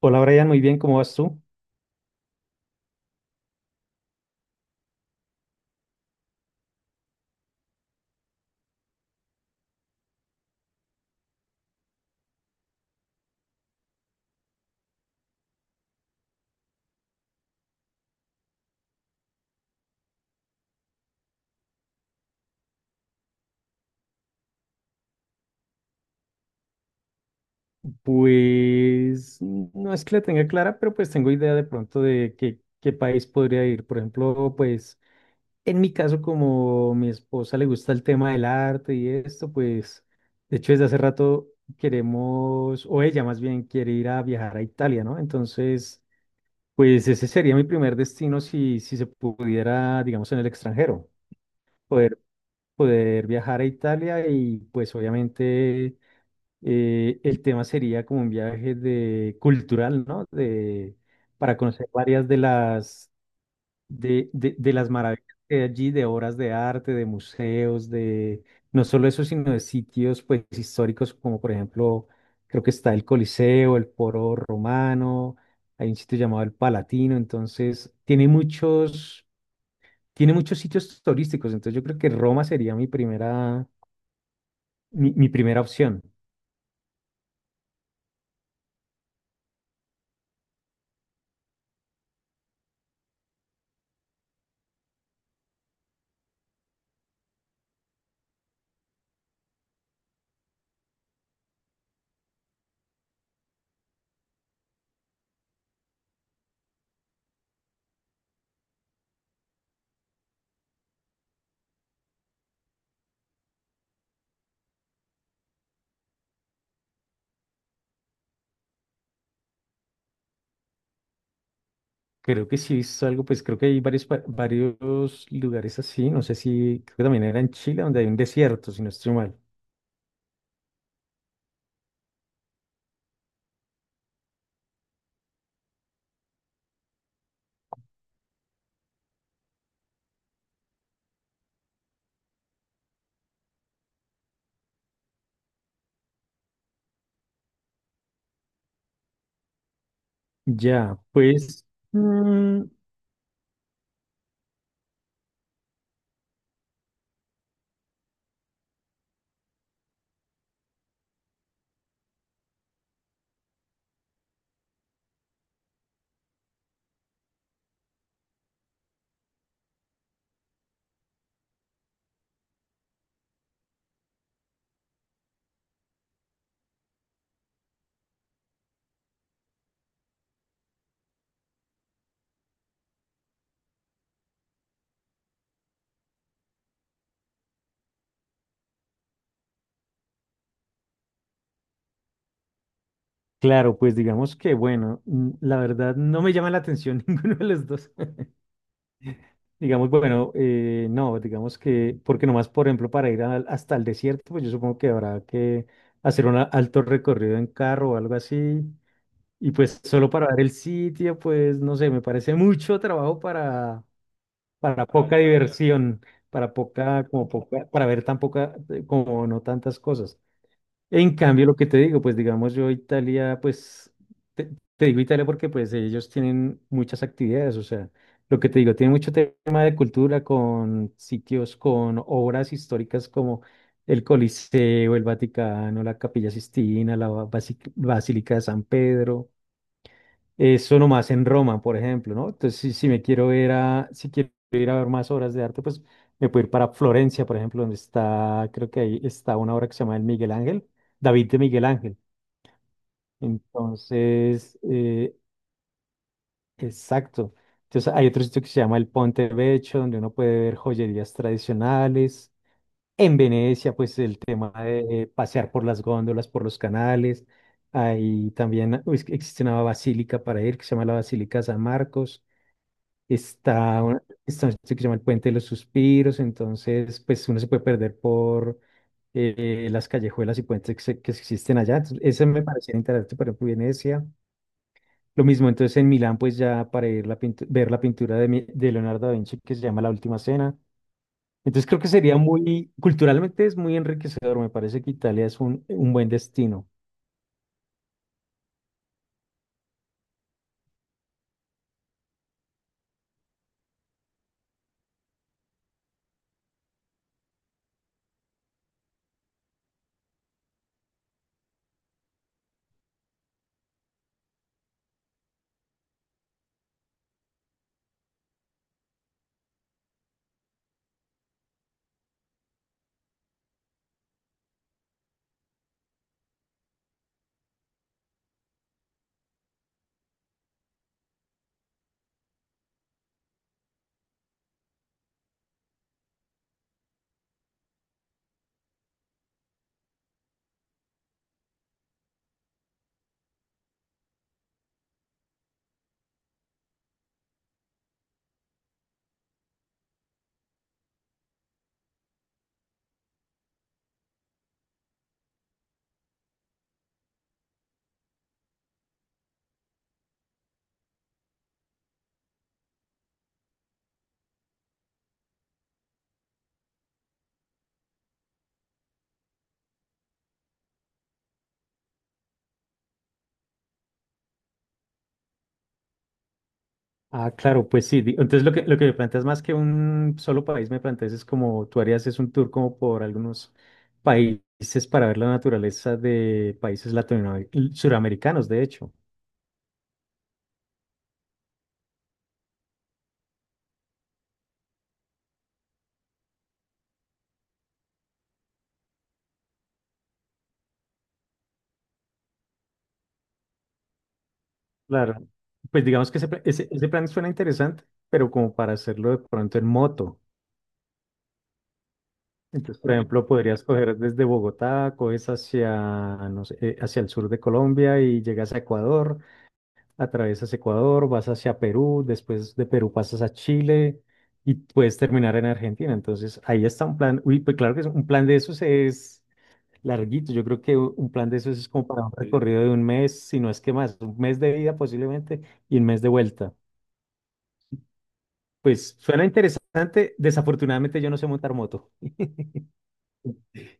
Hola Brian, muy bien, ¿cómo vas tú? Pues no es que la tenga clara, pero pues tengo idea de pronto de qué país podría ir. Por ejemplo, pues en mi caso, como mi esposa le gusta el tema del arte y esto, pues de hecho desde hace rato queremos, o ella más bien quiere ir a viajar a Italia, ¿no? Entonces, pues ese sería mi primer destino si se pudiera, digamos, en el extranjero, poder, poder viajar a Italia y pues obviamente el tema sería como un viaje de cultural, ¿no? De, para conocer varias de las, de las maravillas que hay allí, de obras de arte, de museos, de no solo eso, sino de sitios pues históricos como por ejemplo, creo que está el Coliseo, el Foro Romano, hay un sitio llamado el Palatino, entonces tiene muchos sitios turísticos, entonces yo creo que Roma sería mi primera mi primera opción. Creo que sí es algo, pues creo que hay varios, varios lugares así. No sé si, creo que también era en Chile, donde hay un desierto, si no estoy mal. Ya, pues, mm, claro, pues digamos que, bueno, la verdad no me llama la atención ninguno de los dos. Digamos, bueno, no, digamos que, porque nomás, por ejemplo, para ir hasta el desierto, pues yo supongo que habrá que hacer un alto recorrido en carro o algo así. Y pues solo para ver el sitio, pues no sé, me parece mucho trabajo para poca diversión, para poca, como poca, para ver tan poca, como no tantas cosas. En cambio, lo que te digo, pues digamos yo Italia, pues te, te digo Italia porque pues ellos tienen muchas actividades, o sea, lo que te digo, tiene mucho tema de cultura con sitios, con obras históricas como el Coliseo, el Vaticano, la Capilla Sistina, la Basílica de San Pedro. Eso nomás en Roma, por ejemplo, ¿no? Entonces, si, si me quiero ir a, si quiero ir a ver más obras de arte, pues me puedo ir para Florencia, por ejemplo, donde está, creo que ahí está una obra que se llama El Miguel Ángel, David de Miguel Ángel. Entonces, exacto. Entonces, hay otro sitio que se llama el Ponte Vecchio, donde uno puede ver joyerías tradicionales. En Venecia, pues el tema de pasear por las góndolas, por los canales. Ahí también pues, existe una basílica para ir que se llama la Basílica San Marcos. Está una, está un sitio que se llama el Puente de los Suspiros, entonces pues uno se puede perder por las callejuelas y puentes que, que existen allá. Entonces, ese me parecía interesante, por ejemplo, Venecia. Lo mismo, entonces en Milán, pues ya para ir la ver la pintura de, de Leonardo da Vinci que se llama La Última Cena. Entonces creo que sería muy, culturalmente es muy enriquecedor, me parece que Italia es un buen destino. Ah, claro, pues sí. Entonces lo que me planteas más que un solo país, me planteas es como tú harías es un tour como por algunos países para ver la naturaleza de países latinoamericanos, suramericanos, de hecho. Claro. Pues digamos que ese, ese, ese plan suena interesante, pero como para hacerlo de pronto en moto. Entonces, por ejemplo, podrías coger desde Bogotá, coges hacia, no sé, hacia el sur de Colombia y llegas a Ecuador, atravesas Ecuador, vas hacia Perú, después de Perú pasas a Chile y puedes terminar en Argentina. Entonces, ahí está un plan. Uy, pues claro que un plan de esos es larguito. Yo creo que un plan de esos es como para un sí, recorrido de un mes, si no es que más, un mes de ida posiblemente y un mes de vuelta. Pues suena interesante. Desafortunadamente yo no sé montar moto.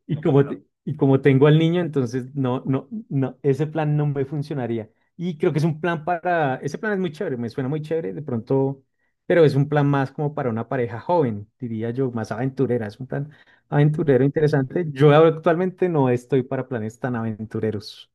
Y no, pues como, no, y como tengo al niño, entonces no, ese plan no me funcionaría. Y creo que es un plan para, ese plan es muy chévere, me suena muy chévere de pronto, pero es un plan más como para una pareja joven, diría yo, más aventurera, es un plan aventurero interesante. Yo actualmente no estoy para planes tan aventureros,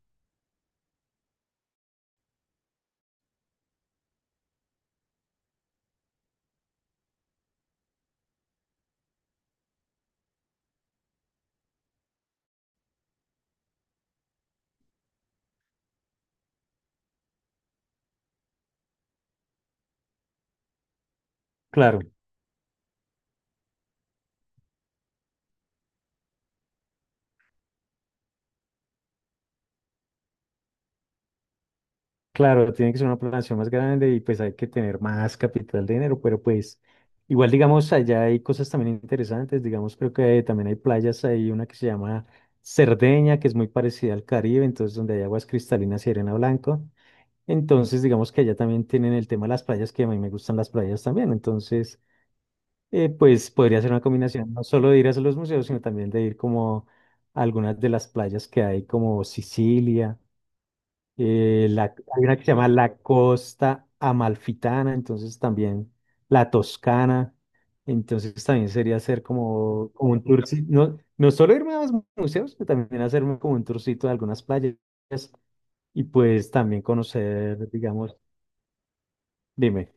claro. Claro, tiene que ser una población más grande y pues hay que tener más capital de dinero, pero pues igual digamos allá hay cosas también interesantes, digamos creo que también hay playas, hay una que se llama Cerdeña, que es muy parecida al Caribe, entonces donde hay aguas cristalinas y arena blanco, entonces digamos que allá también tienen el tema de las playas, que a mí me gustan las playas también, entonces pues podría ser una combinación no solo de ir a los museos, sino también de ir como a algunas de las playas que hay como Sicilia. La, hay una que se llama la Costa Amalfitana, entonces también la Toscana, entonces también sería hacer como, como un tourcito, no, no solo irme a los museos, sino también hacerme como un tourcito de algunas playas y pues también conocer, digamos, dime,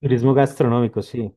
turismo gastronómico, sí,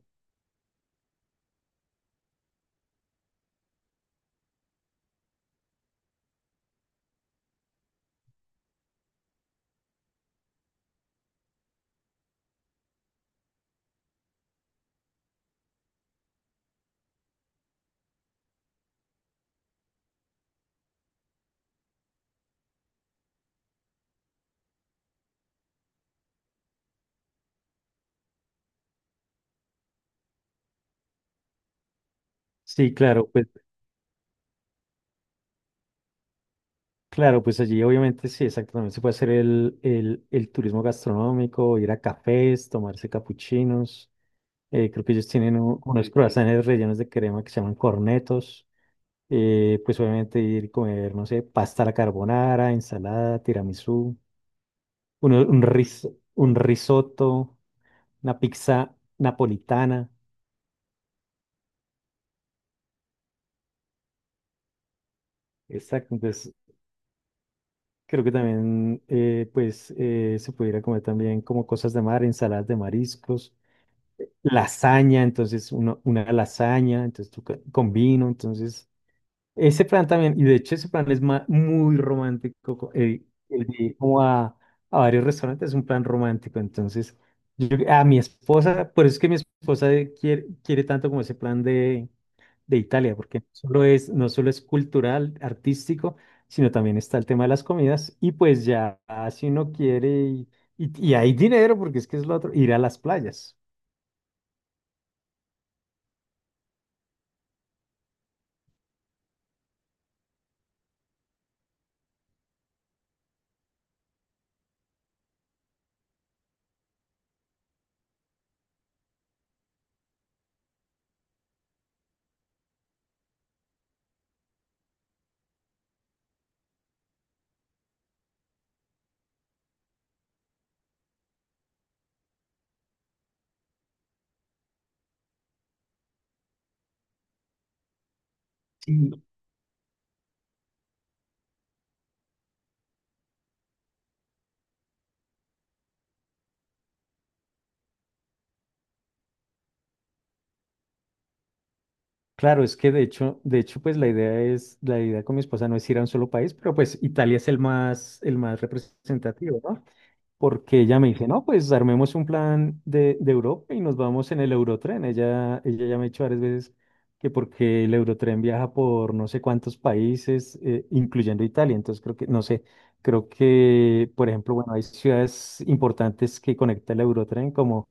sí, claro, pues claro, pues allí obviamente sí, exacto, también se puede hacer el turismo gastronómico, ir a cafés, tomarse capuchinos. Creo que ellos tienen unos croissants rellenos de crema que se llaman cornetos. Pues obviamente ir y comer, no sé, pasta a la carbonara, ensalada, tiramisú, uno- un, ris- un risotto, una pizza napolitana. Exacto, entonces creo que también pues se pudiera comer también como cosas de mar, ensaladas de mariscos, lasaña, entonces una lasaña, entonces tú con vino, entonces ese plan también, y de hecho ese plan es muy romántico, el de ir como a varios restaurantes es un plan romántico, entonces yo, a mi esposa, por eso es que mi esposa quiere, quiere tanto como ese plan de Italia, porque no solo es, no solo es cultural, artístico, sino también está el tema de las comidas, y pues ya si uno quiere, y hay dinero, porque es que es lo otro, ir a las playas. Claro, es que de hecho, pues la idea es, la idea con mi esposa no es ir a un solo país, pero pues Italia es el más representativo, ¿no? Porque ella me dice, no, pues armemos un plan de Europa y nos vamos en el Eurotren. Ella ya me ha dicho varias veces que porque el Eurotren viaja por no sé cuántos países, incluyendo Italia. Entonces creo que, no sé, creo que, por ejemplo, bueno, hay ciudades importantes que conecta el Eurotren, como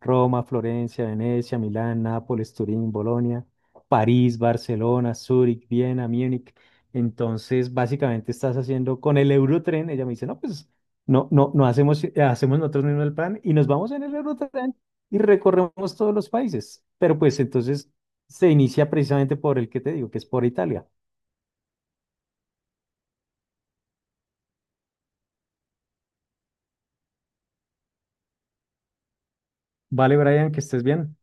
Roma, Florencia, Venecia, Milán, Nápoles, Turín, Bolonia, París, Barcelona, Zúrich, Viena, Múnich. Entonces, básicamente estás haciendo con el Eurotren. Ella me dice, no, pues no, hacemos, hacemos nosotros mismos el plan y nos vamos en el Eurotren y recorremos todos los países. Pero pues entonces se inicia precisamente por el que te digo, que es por Italia. Vale, Brian, que estés bien.